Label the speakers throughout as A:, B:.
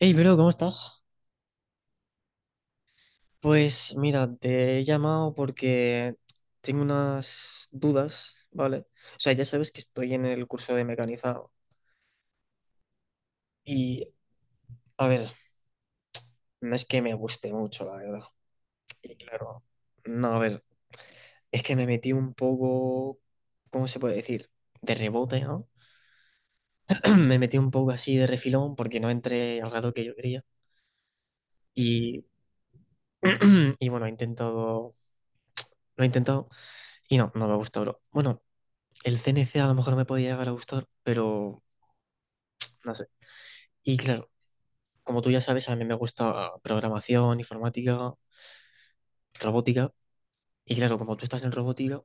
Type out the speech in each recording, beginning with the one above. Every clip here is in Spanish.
A: Hey, bro, ¿cómo estás? Pues mira, te he llamado porque tengo unas dudas, ¿vale? O sea, ya sabes que estoy en el curso de mecanizado y, a ver, no es que me guste mucho, la verdad. Y claro, no, a ver, es que me metí un poco, ¿cómo se puede decir? De rebote, ¿no? Me metí un poco así de refilón porque no entré al rato que yo quería y, y bueno, lo he intentado y no, no me gusta, bro. Bueno, el CNC a lo mejor me podía llegar a gustar, pero no sé. Y claro, como tú ya sabes, a mí me gusta programación, informática, robótica. Y claro, como tú estás en robótica,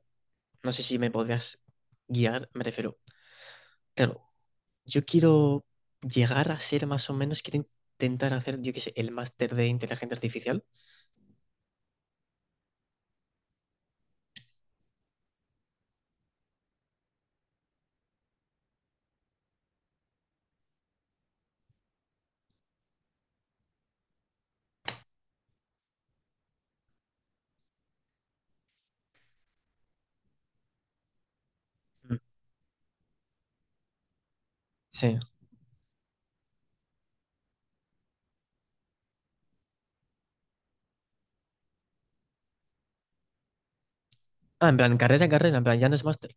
A: no sé si me podrías guiar, me refiero. Claro, yo quiero llegar a ser más o menos, quiero intentar hacer, yo qué sé, el máster de inteligencia artificial. Mm. Sí. Ah, en plan, carrera, carrera, en plan, ya no es máster.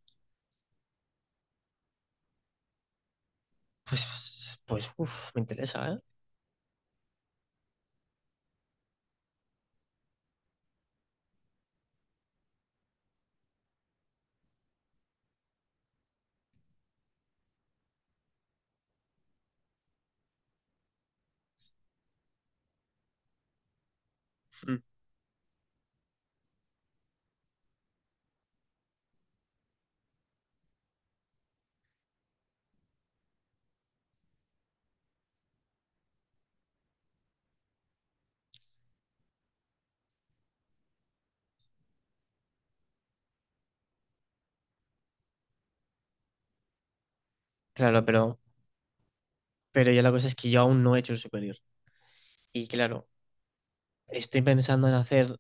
A: Pues, uff, me interesa, ¿eh? Mm. Claro, pero ya la cosa es que yo aún no he hecho el superior. Y claro, estoy pensando en hacer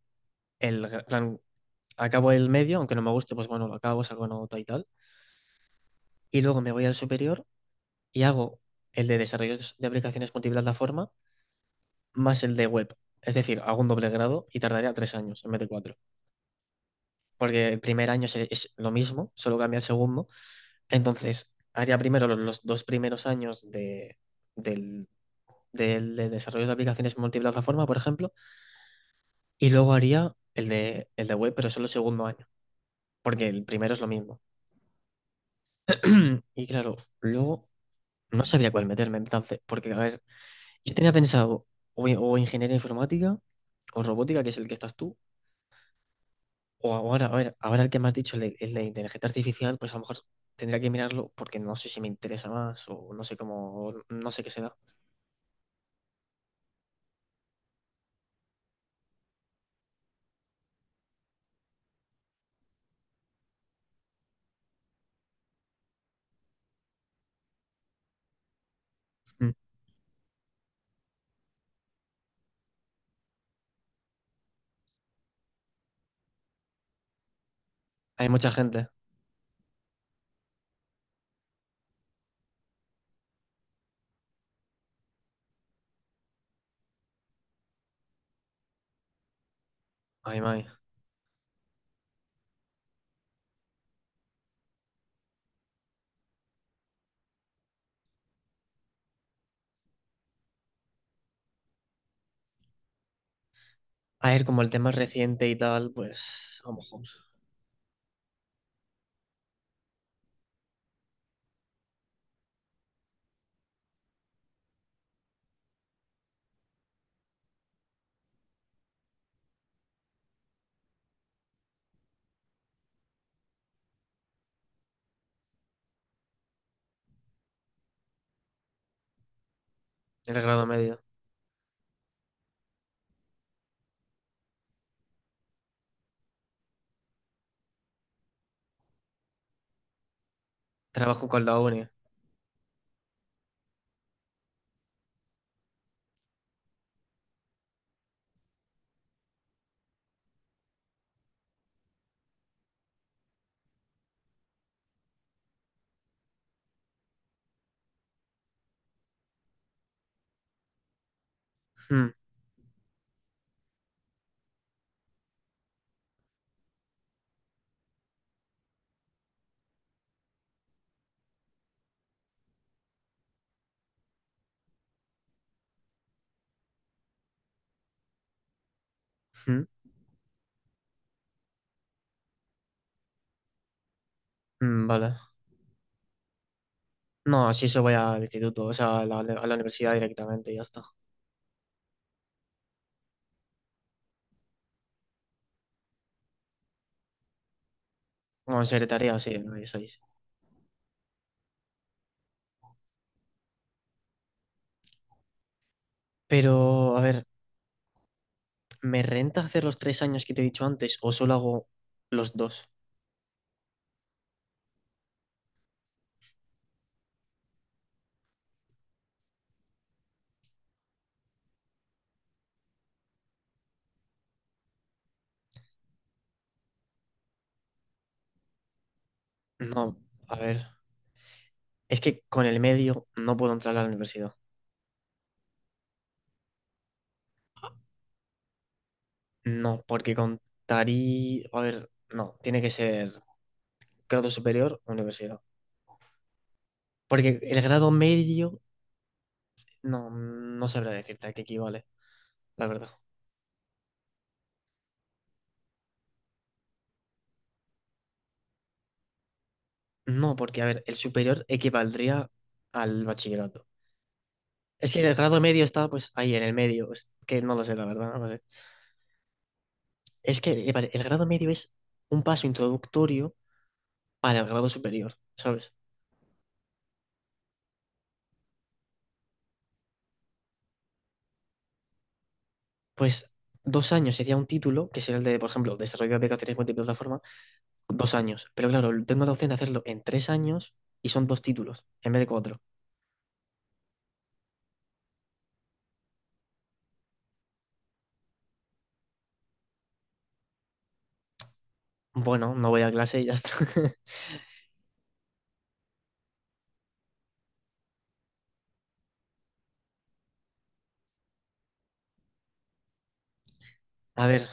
A: plan, acabo el medio, aunque no me guste, pues bueno, lo acabo, saco nota y tal. Y luego me voy al superior y hago el de desarrollos de aplicaciones multiplataforma más el de web. Es decir, hago un doble grado y tardaría 3 años en vez de cuatro. Porque el primer año es lo mismo, solo cambia el segundo. Entonces, haría primero los 2 primeros años de, del, del de desarrollo de aplicaciones multiplataforma, por ejemplo, y luego haría el de web, pero solo el segundo año. Porque el primero es lo mismo. Y claro, luego no sabía cuál meterme entonces, porque a ver, yo tenía pensado o ingeniería informática o robótica, que es el que estás tú, o ahora, a ver, ahora el que me has dicho, el de inteligencia artificial, pues a lo mejor tendría que mirarlo porque no sé si me interesa más o no sé cómo, o no sé qué se da. Mm. Hay mucha gente, ay, may. A ver, como el tema es reciente y tal, pues a lo mejor, el grado medio. Trabajo con la uni. Mm, mm, mm, vale. No, sí, yo voy al instituto, o sea, a la, universidad directamente y ya está. Bueno, en secretaría, sí, ahí sois. Pero, a ver, ¿me renta hacer los 3 años que te he dicho antes o solo hago los dos? No, a ver, es que con el medio no puedo entrar a la universidad. No, porque contaría, a ver, no, tiene que ser grado superior o universidad. Porque el grado medio, no, no sabrá decirte a qué equivale, la verdad. No, porque, a ver, el superior equivaldría al bachillerato. Es que el grado medio está pues ahí en el medio. Es que no lo sé, la verdad. No lo sé. Es que vale, el grado medio es un paso introductorio para el grado superior, ¿sabes? Pues 2 años sería un título, que sería el de, por ejemplo, desarrollo de aplicaciones multiplataforma, 2 años. Pero claro, tengo la opción de hacerlo en 3 años y son dos títulos en vez de cuatro. Bueno, no voy a clase y ya está. A ver,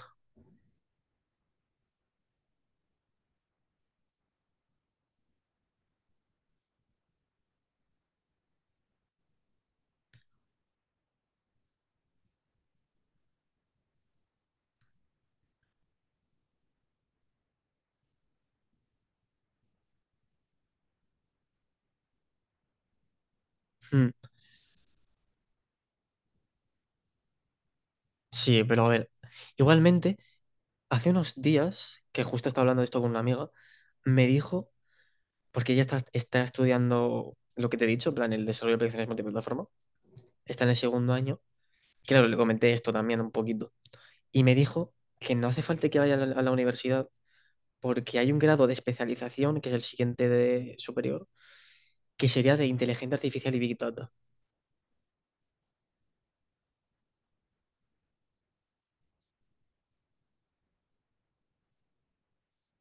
A: hmm, sí, pero a ver. Igualmente, hace unos días, que justo estaba hablando de esto con una amiga, me dijo porque ella está estudiando lo que te he dicho, en plan, el desarrollo de aplicaciones multiplataforma. Está en el segundo año. Claro, le comenté esto también un poquito. Y me dijo que no hace falta que vaya a la, universidad porque hay un grado de especialización, que es el siguiente de superior, que sería de inteligencia artificial y Big Data.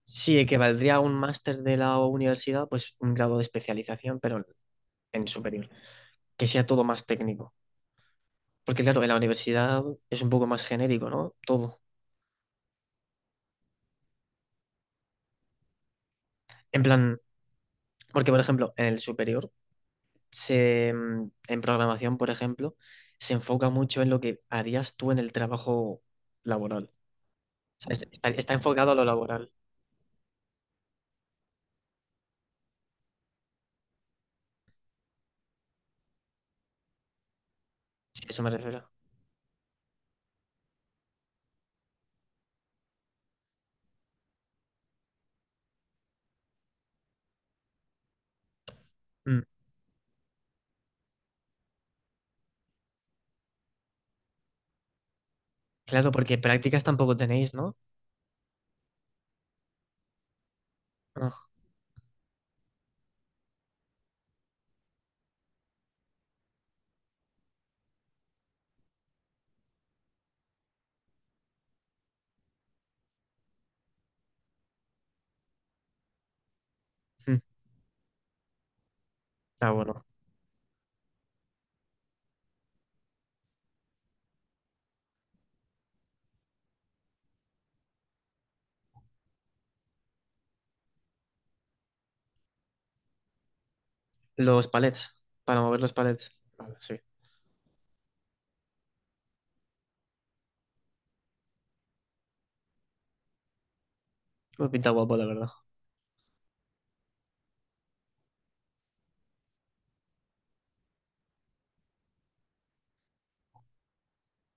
A: Sí, que valdría un máster de la universidad, pues un grado de especialización, pero en superior. Que sea todo más técnico. Porque claro, en la universidad es un poco más genérico, ¿no? Todo. En plan, porque por ejemplo, en el superior en programación, por ejemplo, se enfoca mucho en lo que harías tú en el trabajo laboral. O sea, está enfocado a lo laboral, si a eso me refiero. Mm. Claro, porque prácticas tampoco tenéis, ¿no? Ah, mm. Ah, bueno. Los palets, para mover los palets. Vale, sí. Me pinta guapo, la verdad.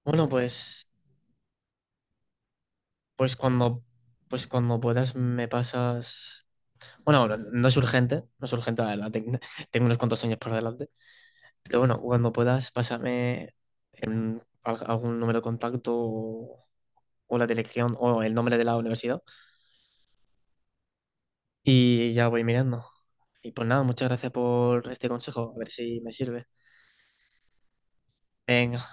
A: Bueno, pues cuando, pues cuando puedas me pasas. Bueno, no es urgente, no es urgente, la verdad. Tengo unos cuantos años por delante. Pero bueno, cuando puedas, pásame algún número de contacto o la dirección o el nombre de la universidad y ya voy mirando. Y pues nada, muchas gracias por este consejo, a ver si me sirve. Venga.